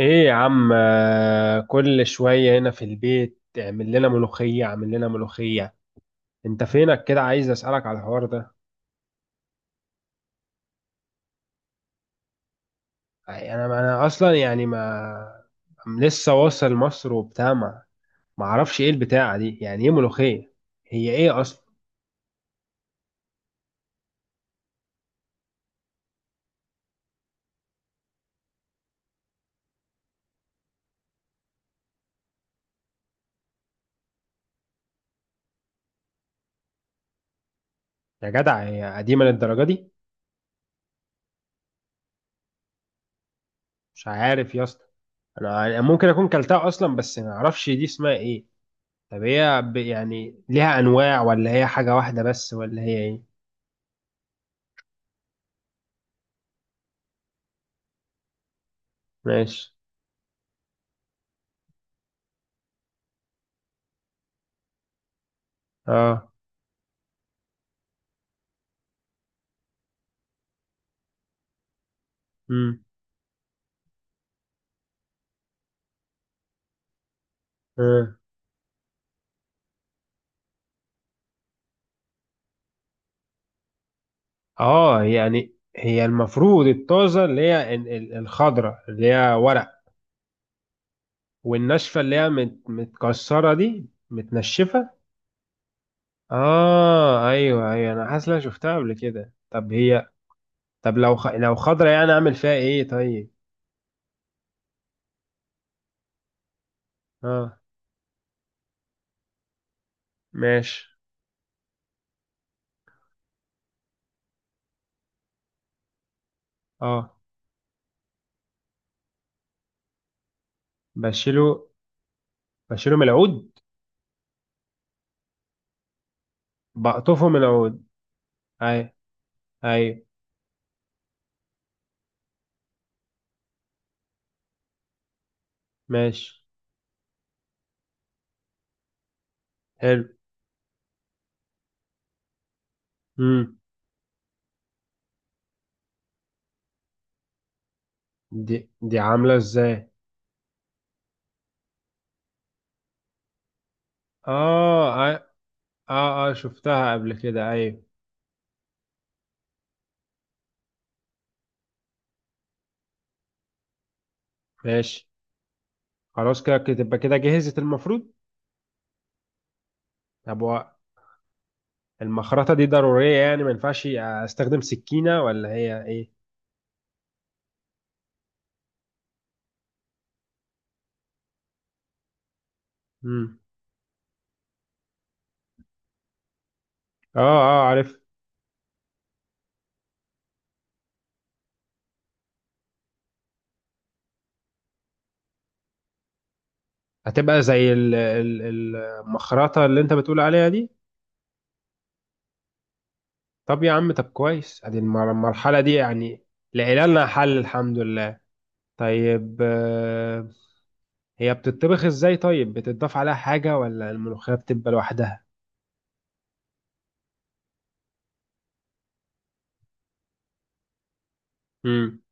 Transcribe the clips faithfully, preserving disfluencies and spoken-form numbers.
ايه يا عم، آه، كل شوية هنا في البيت اعمل لنا ملوخية اعمل لنا ملوخية. انت فينك كده؟ عايز اسألك على الحوار ده. يعني انا انا اصلا، يعني ما... أم لسه واصل مصر وبتاع، ما ما اعرفش ايه البتاعة دي، يعني ايه ملوخية؟ هي ايه اصلا؟ يا جدع، هي قديمة للدرجة دي؟ مش عارف يا اسطى. انا أنا ممكن اكون كلتها اصلا، بس ما اعرفش دي اسمها ايه. طب هي ب- يعني ليها انواع، ولا هي حاجة واحدة بس، ولا هي ايه؟ ماشي. اه. امم. اه، يعني هي المفروض الطازة اللي هي ال- ال- الخضرة اللي هي ورق. والناشفة اللي هي مت- متكسرة دي متنشفة. اه، ايوه ايوه، انا حاسس إن أنا شفتها قبل كده. طب هي... طب لو خ... لو خضرة، يعني اعمل فيها ايه طيب؟ اه. ماشي. اه. بشيله. بشيله من العود. بقطفه من العود. اي. اي. ماشي. حلو. امم. دي دي عاملة ازاي؟ اه، اه. اه، آه شفتها قبل كده، ايوه. ماشي. خلاص، كده كده- تبقى كده جهزت المفروض. طب هو... المخرطة دي ضرورية؟ يعني ما ينفعش استخدم سكينة، ولا هي ايه؟ مم. اه، اه، عارف. هتبقى زي ال- ال- ال- المخرطة اللي انت بتقول عليها دي. طب يا عم، طب كويس، ادي المر- المرحلة دي يعني لنا حل الحمد لله. طيب، آه، هي بتطبخ ازاي طيب؟ بتضاف عليها حاجة ولا الملوخية بتبقى لوحدها؟ امم.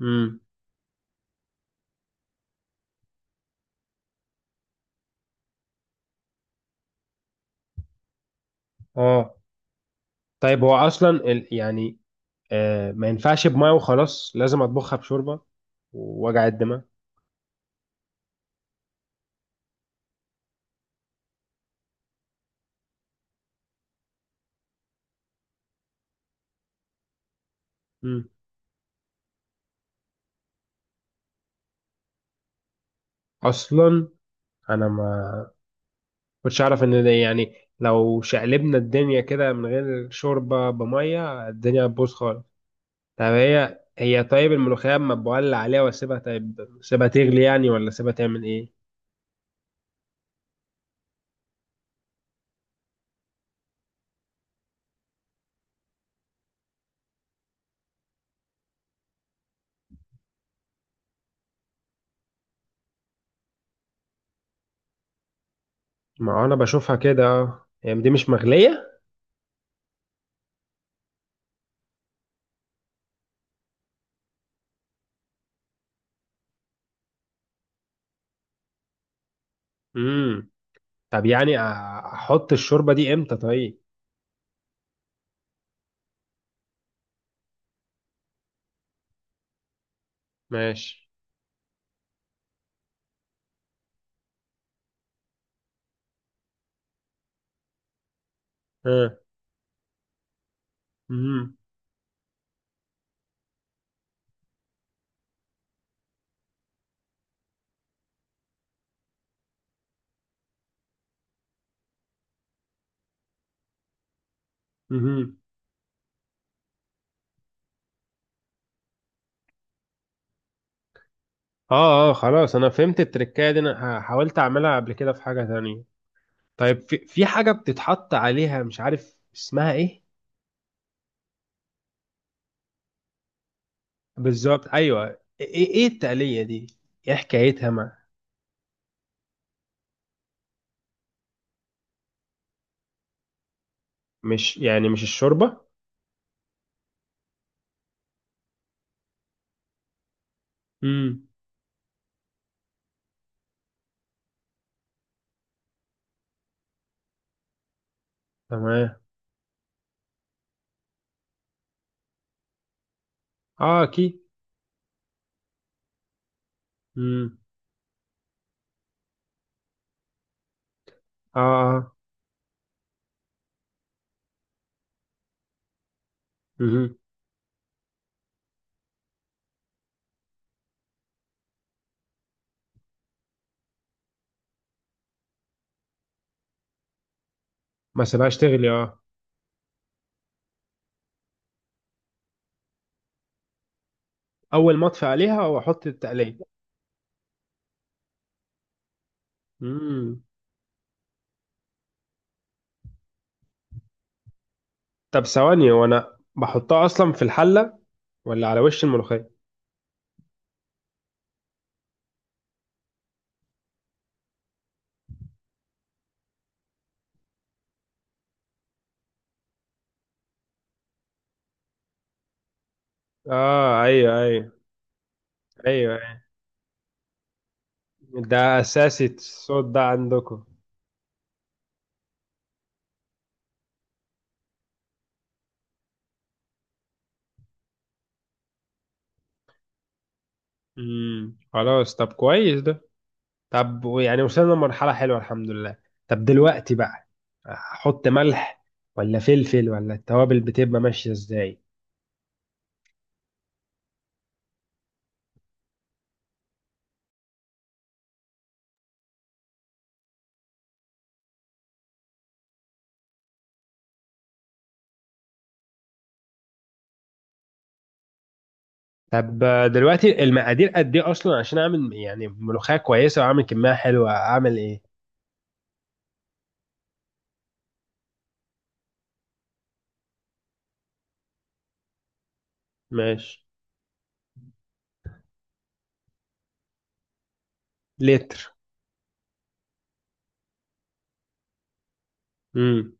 امم. اه. طيب هو اصلا ال- يعني، آه، ما ينفعش بمية وخلاص لازم اطبخها بشوربة ووجع الدماغ؟ مم. اصلا انا ما كنتش اعرف ان ده، يعني لو شقلبنا الدنيا كده من غير شوربة بمية، الدنيا هتبوظ خالص. طب هي هي طيب، الملوخية اما بولع عليها واسيبها طيب، سيبها تغلي يعني ولا سيبها تعمل ايه؟ ما انا بشوفها كده، اه، هي دي مش مغلية. امم. طب يعني أ- احط الشوربة دي امتى طيب؟ ماشي. ها. امم. اه، اه، خلاص انا فهمت التركايه دي. انا ح- حاولت اعملها قبل كده في حاجه تانية. طيب في في حاجه بتتحط عليها مش عارف اسمها ايه. بالظبط، ايوه. ايه؟ ايه التقليه دي؟ ايه حكايتها؟ ما... مش، يعني مش الشوربه؟ امم. تمام. اه، اكيد. امم. اه، اه. مهم. ما سيبهاش تغلي، اه. اول ما اطفي عليها واحط التقليه. امم. طب ثواني، وانا بحطها اصلا في الحله، ولا على وش الملوخيه؟ اه، ايوه ايوه ايوه. ده اساسي الصوت ده عندكم؟ امم، خلاص طب كويس ده. طب يعني وصلنا لمرحلة حلوة الحمد لله. طب دلوقتي بقى، احط ملح ولا فلفل، ولا التوابل بتبقى ماشية ازاي؟ طب دلوقتي المقادير قد ايه اصلا، عشان اعمل يعني ملوخية كويسة واعمل كمية حلوة، اعمل ايه؟ ماشي. لتر؟ امم.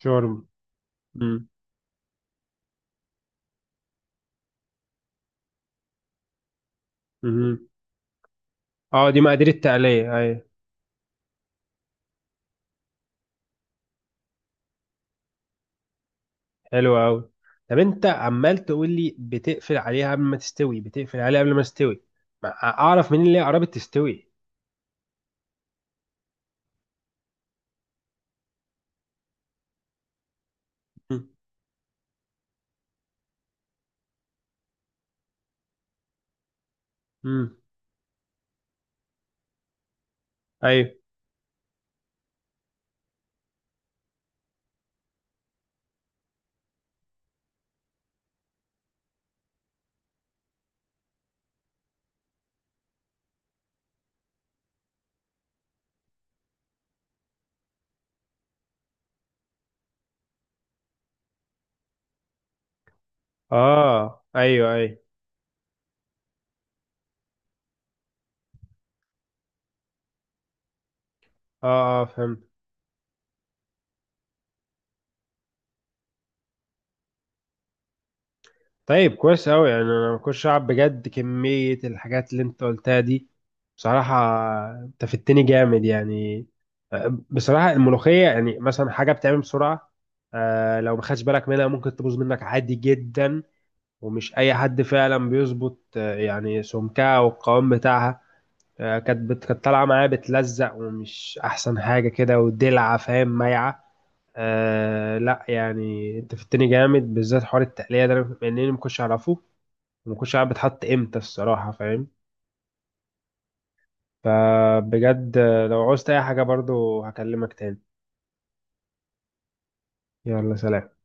شرب. امم. أمم. اه، دي مقادير التقلية اي؟ حلو قوي. طب انت عمال تقول لي: بتقفل عليها قبل ما تستوي، بتقفل عليها قبل ما تستوي. ما اعرف منين اللي هي قربت تستوي. امم. ايوه. اه، ايوه ايوه. اه، اه، فهمت. طيب كويس قوي، يعني انا ما كنتش اعرف بجد كمية الحاجات اللي انت قلتها دي. بصراحة، انت فدتني جامد يعني. آه، بصراحة الملوخية، يعني مثلا حاجة بتعمل بسرعة. آه لو ما خدش بالك منها ممكن تبوظ منك عادي جدا. ومش اي حد فعلا بيظبط، آه، يعني سمكها والقوام بتاعها. آه، كانت بت- كانت طالعه معايا بتلزق، ومش احسن حاجه كده ودلعه فاهم، مايعه. آه لا يعني انت فدتني جامد بالذات حوار التقليه ده، أنا- لان انا ما كنتش اعرفه. وما كنتش عارف بتحط امتى الصراحه، فاهم. فبجد، آه، لو عوزت اي حاجه برضو هكلمك تاني. يلا سلام.